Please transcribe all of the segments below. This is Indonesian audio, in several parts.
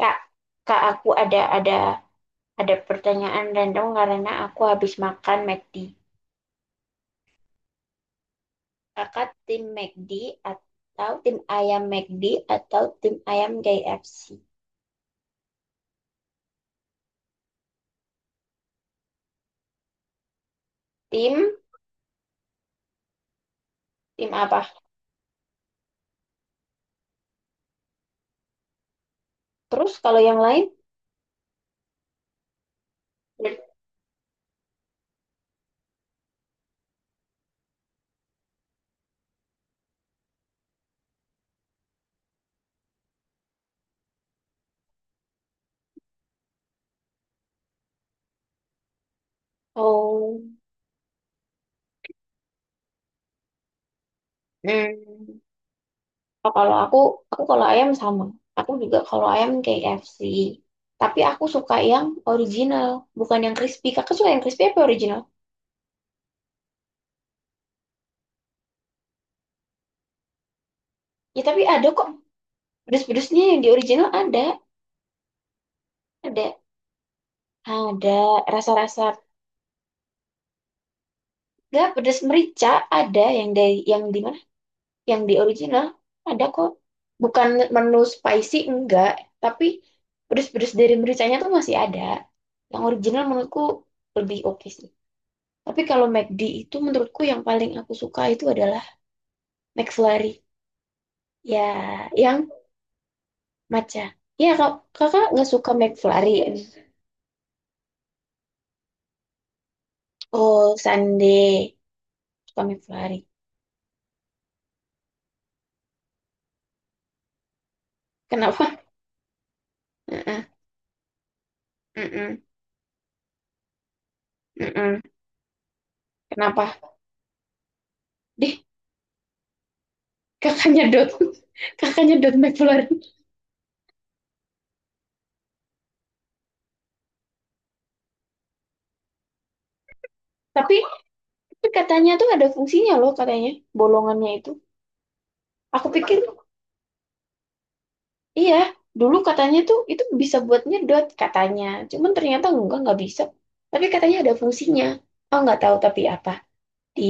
Kak, kak, aku ada pertanyaan random karena aku habis makan McD. Kakak tim McD atau tim ayam McD atau tim ayam KFC? Tim tim apa? Terus kalau yang lain? Oh, hmm. Oh, kalau aku kalau ayam sama. Aku juga kalau ayam KFC. Tapi aku suka yang original, bukan yang crispy. Kakak suka yang crispy apa original? Ya tapi ada kok pedes-pedesnya yang di original ada, ada. ada. Rasa-rasa nggak pedas merica ada yang dari yang di mana? Yang di original ada kok. Bukan menu spicy enggak, tapi pedas-pedas dari mericanya tuh masih ada. Yang original menurutku lebih oke sih. Tapi kalau McD itu menurutku yang paling aku suka itu adalah McFlurry. Ya, yang matcha. Ya, kak, kakak nggak suka McFlurry, kan? Oh, Sunday suka McFlurry. Kenapa? Mm-mm, mm-mm, mm-mm. Kenapa? Deh, kakaknya dot kakaknya dot McFlurry. tapi, tapi katanya tuh ada fungsinya loh, katanya bolongannya itu. Aku pikir iya, dulu katanya tuh itu bisa buat nyedot katanya, cuman ternyata enggak nggak bisa. Tapi katanya ada fungsinya. Oh nggak tahu, tapi apa di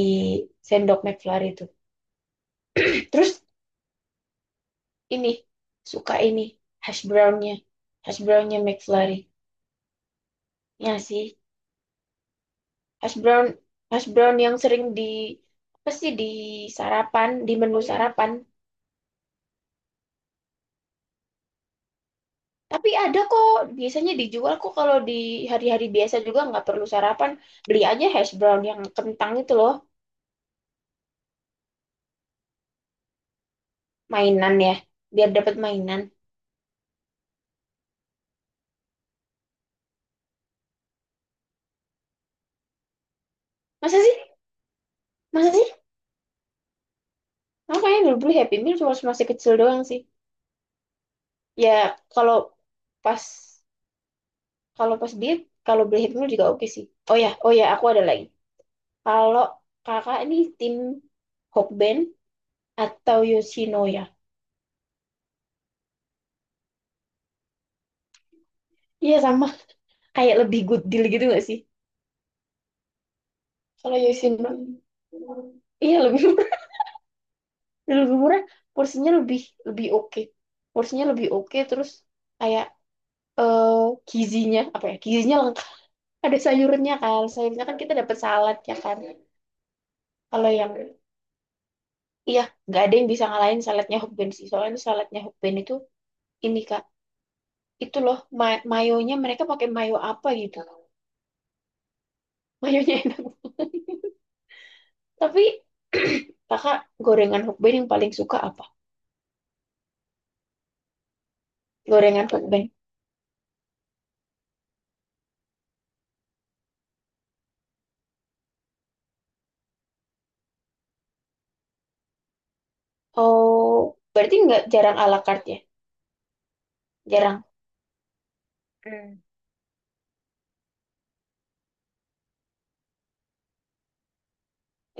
sendok McFlurry itu? Terus ini, suka ini, hash brownnya hash brownnya McFlurry, ya sih. Hash brown hash brown yang sering di apa sih, di sarapan, di menu sarapan. Tapi ada kok, biasanya dijual kok kalau di hari-hari biasa juga nggak perlu sarapan. Beli aja hash brown yang kentang itu loh, mainan ya, biar dapat mainan. Masa sih? Masa sih? Aku kayaknya dulu beli Happy Meal cuma masih kecil doang sih. Ya kalau pas kalau pas diet, kalau beli Happy Meal juga oke sih. Oh ya, oh ya, aku ada lagi. Kalau kakak ini tim Hokben atau Yoshinoya? Iya sama, kayak lebih good deal gitu nggak sih? Kalau Yoshinoya, iya lebih. Dan lebih murah, porsinya lebih lebih oke, porsinya lebih oke. Terus kayak gizinya apa ya, gizinya lengkap, ada sayurnya kan, sayurnya kan kita dapat salad ya kan. Kalau yang iya, nggak ada yang bisa ngalahin saladnya Hokben sih, soalnya saladnya Hokben itu ini kak, itu loh, mayonya, mereka pakai mayo apa gitu. Mayonya enak. Tapi kakak, gorengan Hokben yang paling suka apa? Gorengan Hokben. Oh, berarti nggak jarang ala carte ya. Jarang.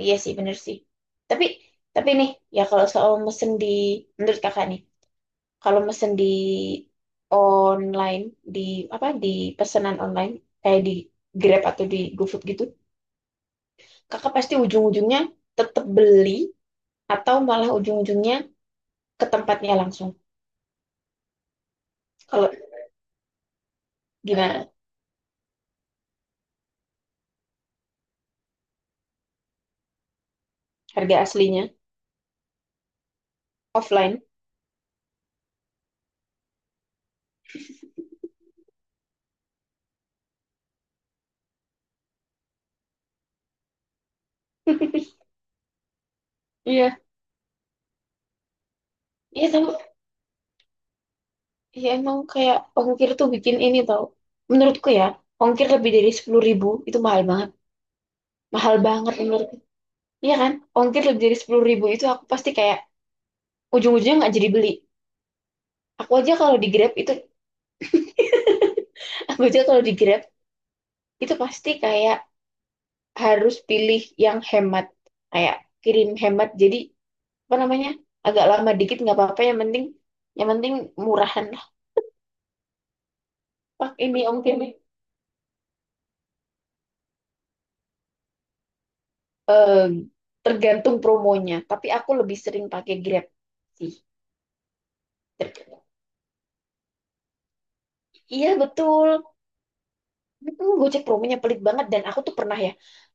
Iya sih, bener sih. Tapi, tapi nih, ya kalau soal mesen di, menurut kakak nih, kalau mesen di online, di apa, di pesanan online, kayak di Grab atau di GoFood gitu, kakak pasti ujung-ujungnya tetap beli atau malah ujung-ujungnya ke tempatnya langsung. Kalau gimana harga aslinya, offline? Iya, iya tahu. Iya emang kayak ongkir tuh bikin ini, tau. Menurutku ya, ongkir lebih dari 10.000 itu mahal banget. Mahal banget menurut. Iya kan? Ongkir lebih dari sepuluh ribu itu aku pasti kayak ujung-ujungnya nggak jadi beli. Aku aja kalau di Grab itu, aku aja kalau di Grab itu pasti kayak harus pilih yang hemat. Kayak kirim hemat. Jadi apa namanya? Agak lama dikit nggak apa-apa. Yang penting murahan lah. Pak ini ongkir nih. Eh, Tergantung promonya. Tapi aku lebih sering pakai Grab sih. Ter- Iya betul. Hmm, Gojek promonya pelit banget, dan aku tuh pernah ya,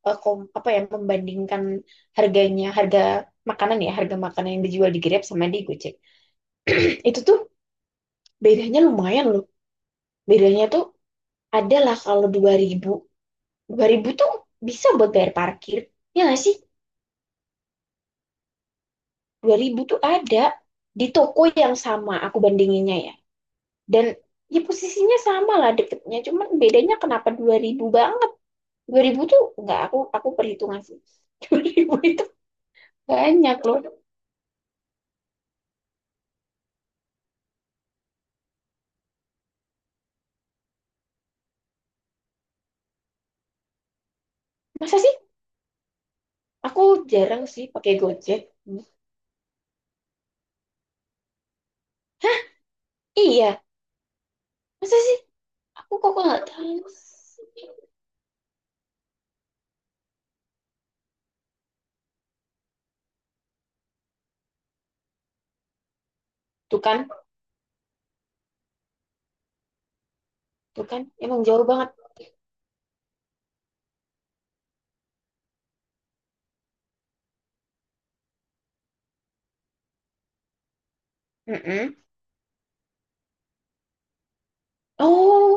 apa ya, membandingkan harganya, harga makanan ya, harga makanan yang dijual di Grab sama di Gojek, itu tuh bedanya lumayan loh. Bedanya tuh adalah, kalau 2.000, 2.000 tuh bisa buat bayar parkir ya nggak sih. 2.000 tuh ada, di toko yang sama aku bandinginnya ya, dan ya posisinya sama lah, deketnya. Cuman bedanya kenapa 2.000 banget, 2.000 tuh nggak, aku perhitungan sih. 2.000 itu banyak loh. Masa sih? Aku jarang sih pakai Gojek. Hmm. Iya, masa sih? Aku kok nggak tahu sih? Tuh kan, tuh kan, emang jauh banget. Mm-mm. Oh,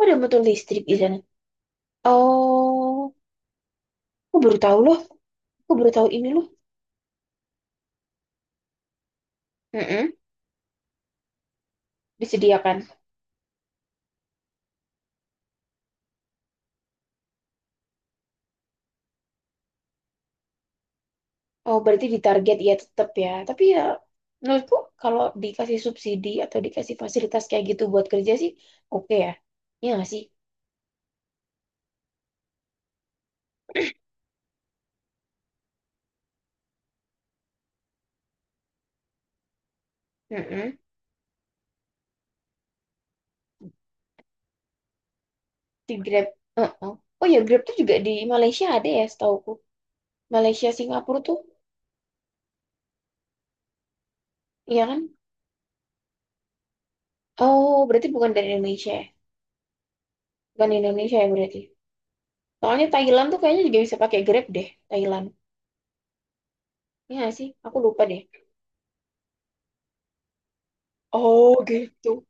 udah motor listrik di sana. Oh, aku baru tahu loh. Aku baru tahu ini loh. Mm-mm. Disediakan. Oh, berarti di target ya tetap ya. Tapi ya, menurutku kalau dikasih subsidi atau dikasih fasilitas kayak gitu buat kerja sih, oke ya. Iya nggak sih? Mm-mm. Di Grab. Heeh. Oh ya, Grab tuh juga di Malaysia ada ya setauku. Malaysia Singapura tuh, iya kan? Oh berarti bukan dari Indonesia ya? Bukan di Indonesia ya berarti. Soalnya Thailand tuh kayaknya juga bisa pakai Grab deh, Thailand. Iya nggak sih? Aku lupa deh. Oh gitu.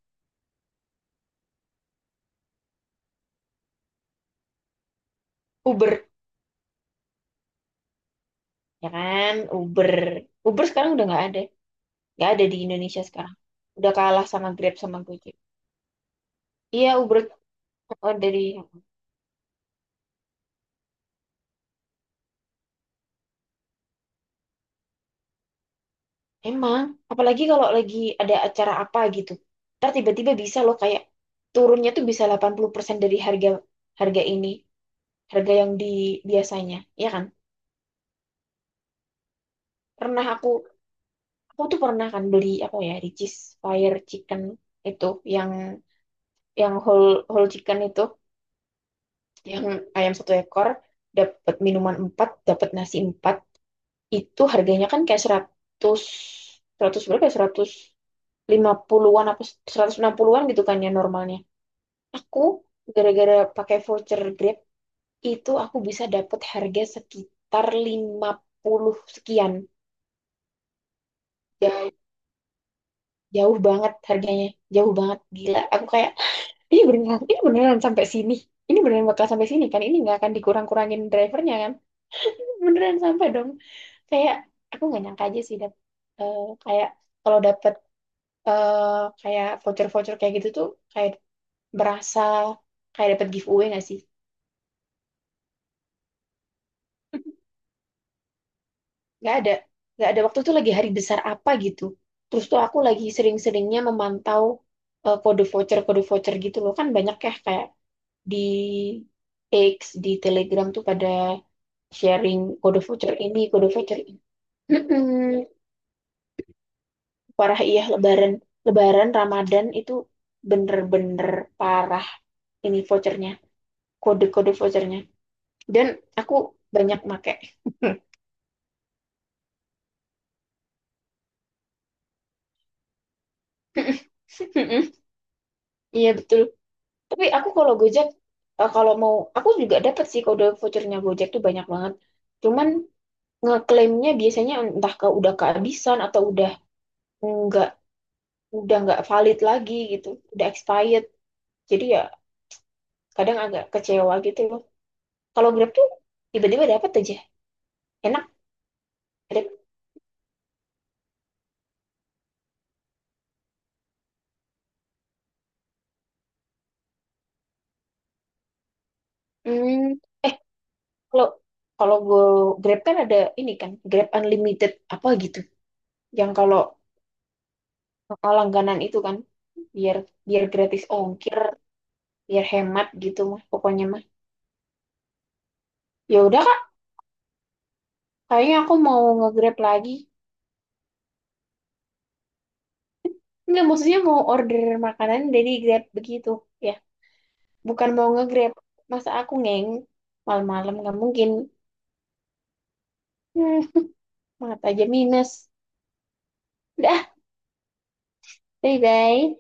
Uber, ya kan? Uber. Uber sekarang udah nggak ada. Nggak ada di Indonesia sekarang. Udah kalah sama Grab sama Gojek. Iya Uber, oh, dari. Emang, apalagi kalau lagi ada acara apa gitu. Ntar tiba-tiba bisa loh kayak turunnya tuh bisa 80% dari harga harga ini, harga yang di biasanya, ya kan? Pernah aku tuh pernah kan beli apa ya, Ricis Fire Chicken itu, yang yang whole whole chicken itu, yang ayam satu ekor, dapat minuman 4, dapat nasi 4, itu harganya kan kayak 100 100 berapa ya? 150-an apa 160-an gitu kan ya normalnya. Aku gara-gara pakai voucher Grab itu aku bisa dapat harga sekitar 50 sekian. Jauh, jauh banget harganya, jauh banget gila. Aku kayak ini beneran sampai sini. Ini beneran bakal sampai sini kan? Ini nggak akan dikurang-kurangin drivernya kan? Beneran sampai dong. Kayak aku nggak nyangka aja sih, kayak kalau dapet kayak voucher-voucher kayak gitu tuh kayak berasa kayak dapet giveaway nggak sih? Nggak ada, nggak ada waktu itu lagi hari besar apa gitu, terus tuh aku lagi sering-seringnya memantau kode voucher, kode voucher gitu loh, kan banyak ya kayak di X, di Telegram tuh pada sharing kode voucher ini, kode voucher ini. Parah, iya Lebaran Lebaran Ramadan itu bener-bener parah ini vouchernya, kode-kode vouchernya, dan aku banyak make. Iya betul. Tapi aku kalau Gojek, kalau mau, aku juga dapat sih, kode vouchernya Gojek tuh banyak banget. Cuman ngeklaimnya biasanya entah ke udah kehabisan atau nggak udah nggak valid lagi gitu, udah expired. Jadi ya kadang agak kecewa gitu loh. Kalau Grab tuh tiba-tiba dapat aja, enak. Grab. Hmm, eh kalau kalau gue, Grab kan ada ini kan, Grab Unlimited apa gitu, yang kalau langganan itu kan biar biar gratis ongkir, biar hemat gitu mah pokoknya mah. Ya udah kak, kayaknya aku mau nge-grab lagi. Nggak, maksudnya mau order makanan dari grab begitu ya, bukan mau nge-grab. Masa aku ngeng malam-malam, nggak mungkin. Hmm, mata aja minus. Udah, bye bye.